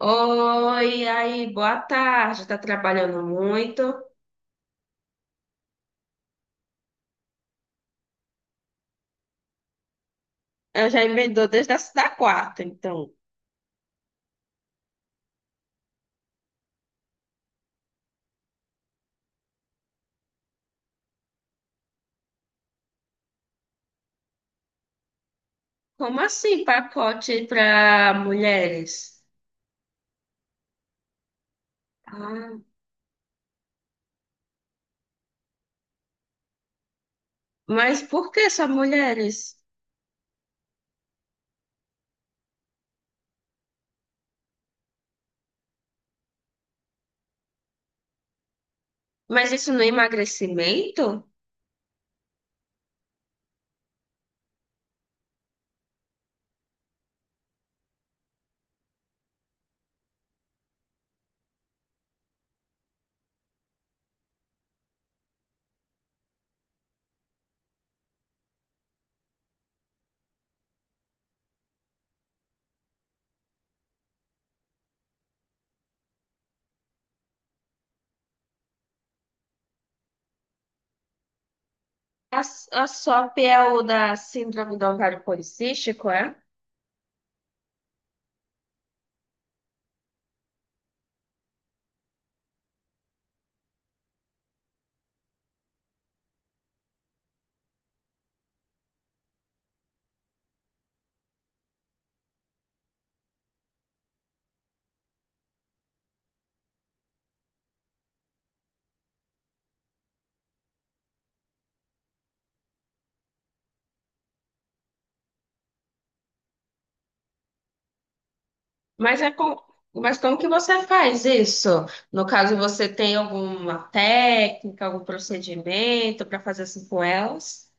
Oi, aí, boa tarde. Tá trabalhando muito? Eu já emendou desde a da quarta, então. Como assim, pacote para mulheres? Ah, mas por que só mulheres? Mas isso não é emagrecimento? A, a SOP é o da síndrome do ovário policístico, é? Mas, é com, mas como que você faz isso? No caso, você tem alguma técnica, algum procedimento para fazer assim com elas?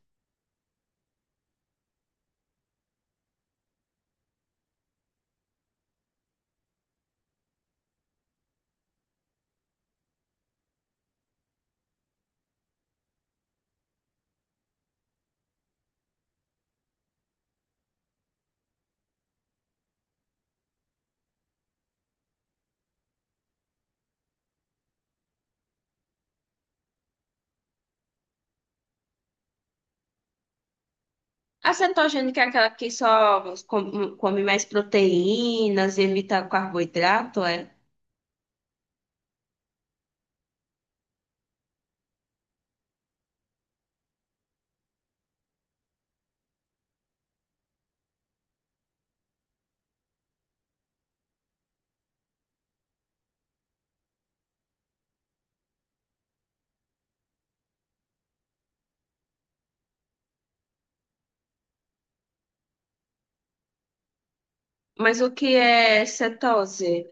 A cetogênica é aquela que só come mais proteínas, evita carboidrato, é? Mas o que é cetose?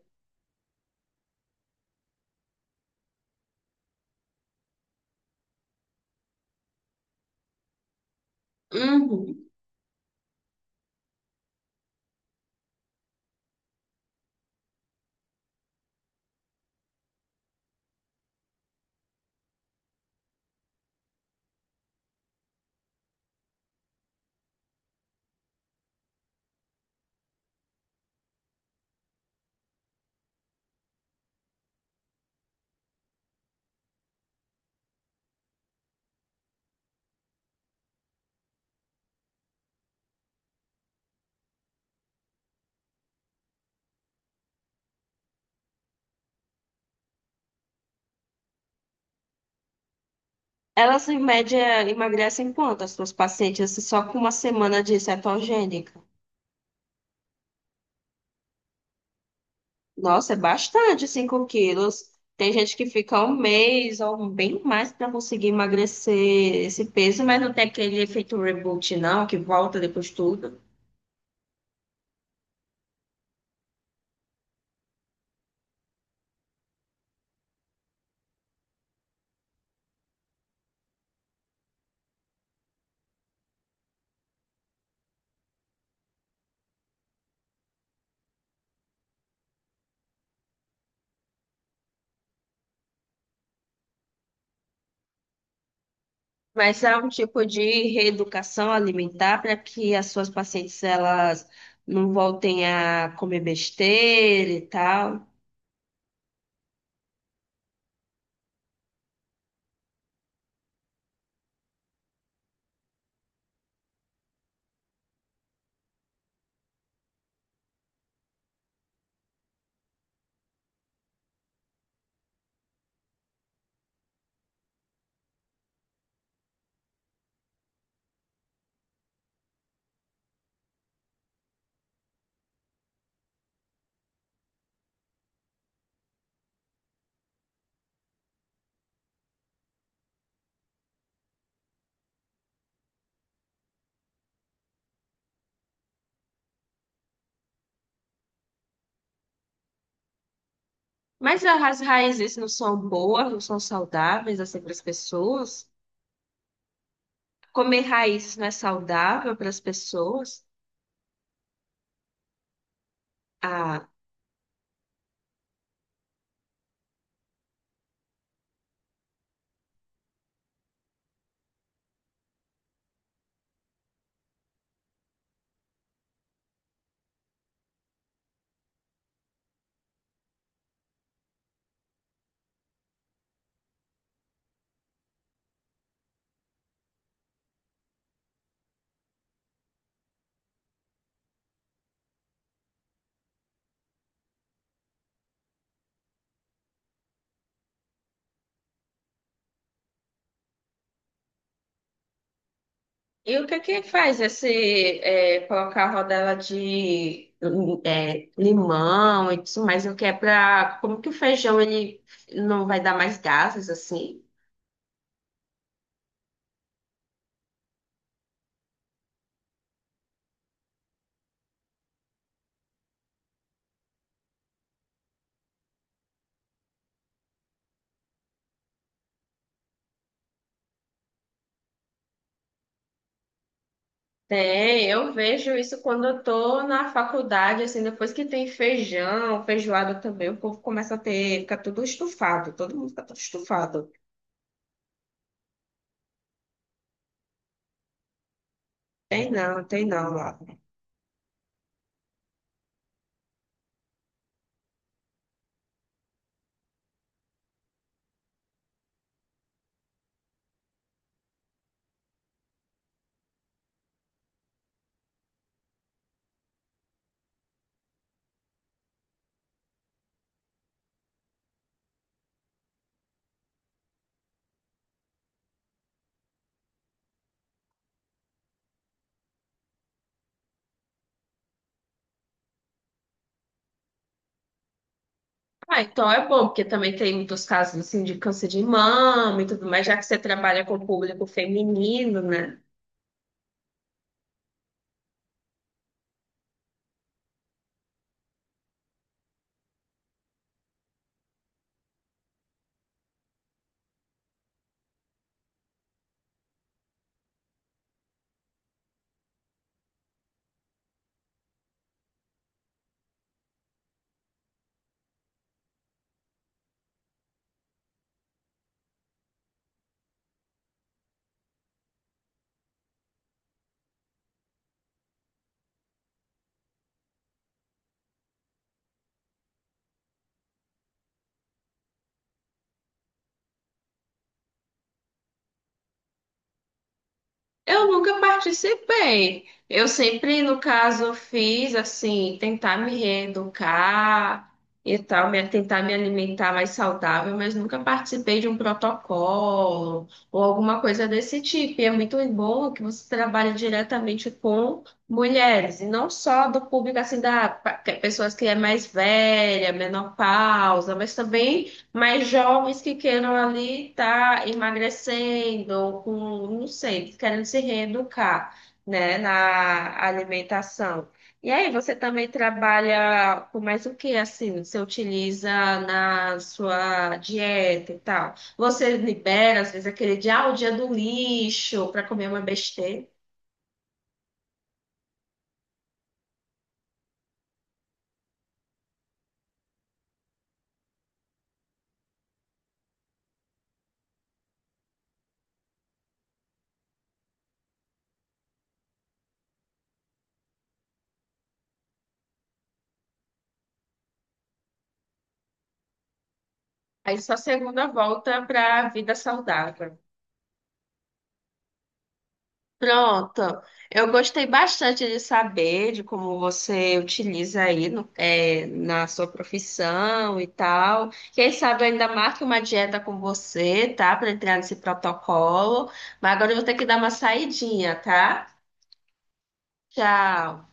Uhum. Elas, em média, emagrecem quanto as suas pacientes se só com uma semana de cetogênica? Nossa, é bastante, 5 quilos. Tem gente que fica um mês ou bem mais para conseguir emagrecer esse peso, mas não tem aquele efeito reboot, não, que volta depois tudo. Mas há um tipo de reeducação alimentar para que as suas pacientes elas não voltem a comer besteira e tal. Mas as raízes não são boas, não são saudáveis assim para as pessoas. Comer raízes não é saudável para as pessoas. Ah, e o que que faz esse colocar rodela de limão e tudo mais? O que é para como que o feijão ele não vai dar mais gases assim? Tem, eu vejo isso quando eu tô na faculdade, assim, depois que tem feijão, feijoada também, o povo começa a ter, fica tudo estufado, todo mundo fica todo estufado. Tem não lá. Ah, então é bom, porque também tem muitos casos, assim, de câncer de mama e tudo mais, já que você trabalha com o público feminino, né? Eu nunca participei. Eu sempre, no caso, fiz assim, tentar me reeducar e tal, tentar me alimentar mais saudável, mas nunca participei de um protocolo ou alguma coisa desse tipo. E é muito bom que você trabalhe diretamente com mulheres, e não só do público assim, pessoas que é mais velha, menopausa, mas também. Mas jovens que queiram ali estar emagrecendo, ou com, não sei, querendo se reeducar, né, na alimentação. E aí, você também trabalha com mais o que, assim, você utiliza na sua dieta e tal? Você libera, às vezes, aquele dia, ah, o dia do lixo, para comer uma besteira. Aí, sua segunda volta para a vida saudável. Pronto, eu gostei bastante de saber de como você utiliza aí no- é, na sua profissão e tal. Quem sabe eu ainda marque uma dieta com você, tá? Para entrar nesse protocolo. Mas agora eu vou ter que dar uma saidinha, tá? Tchau.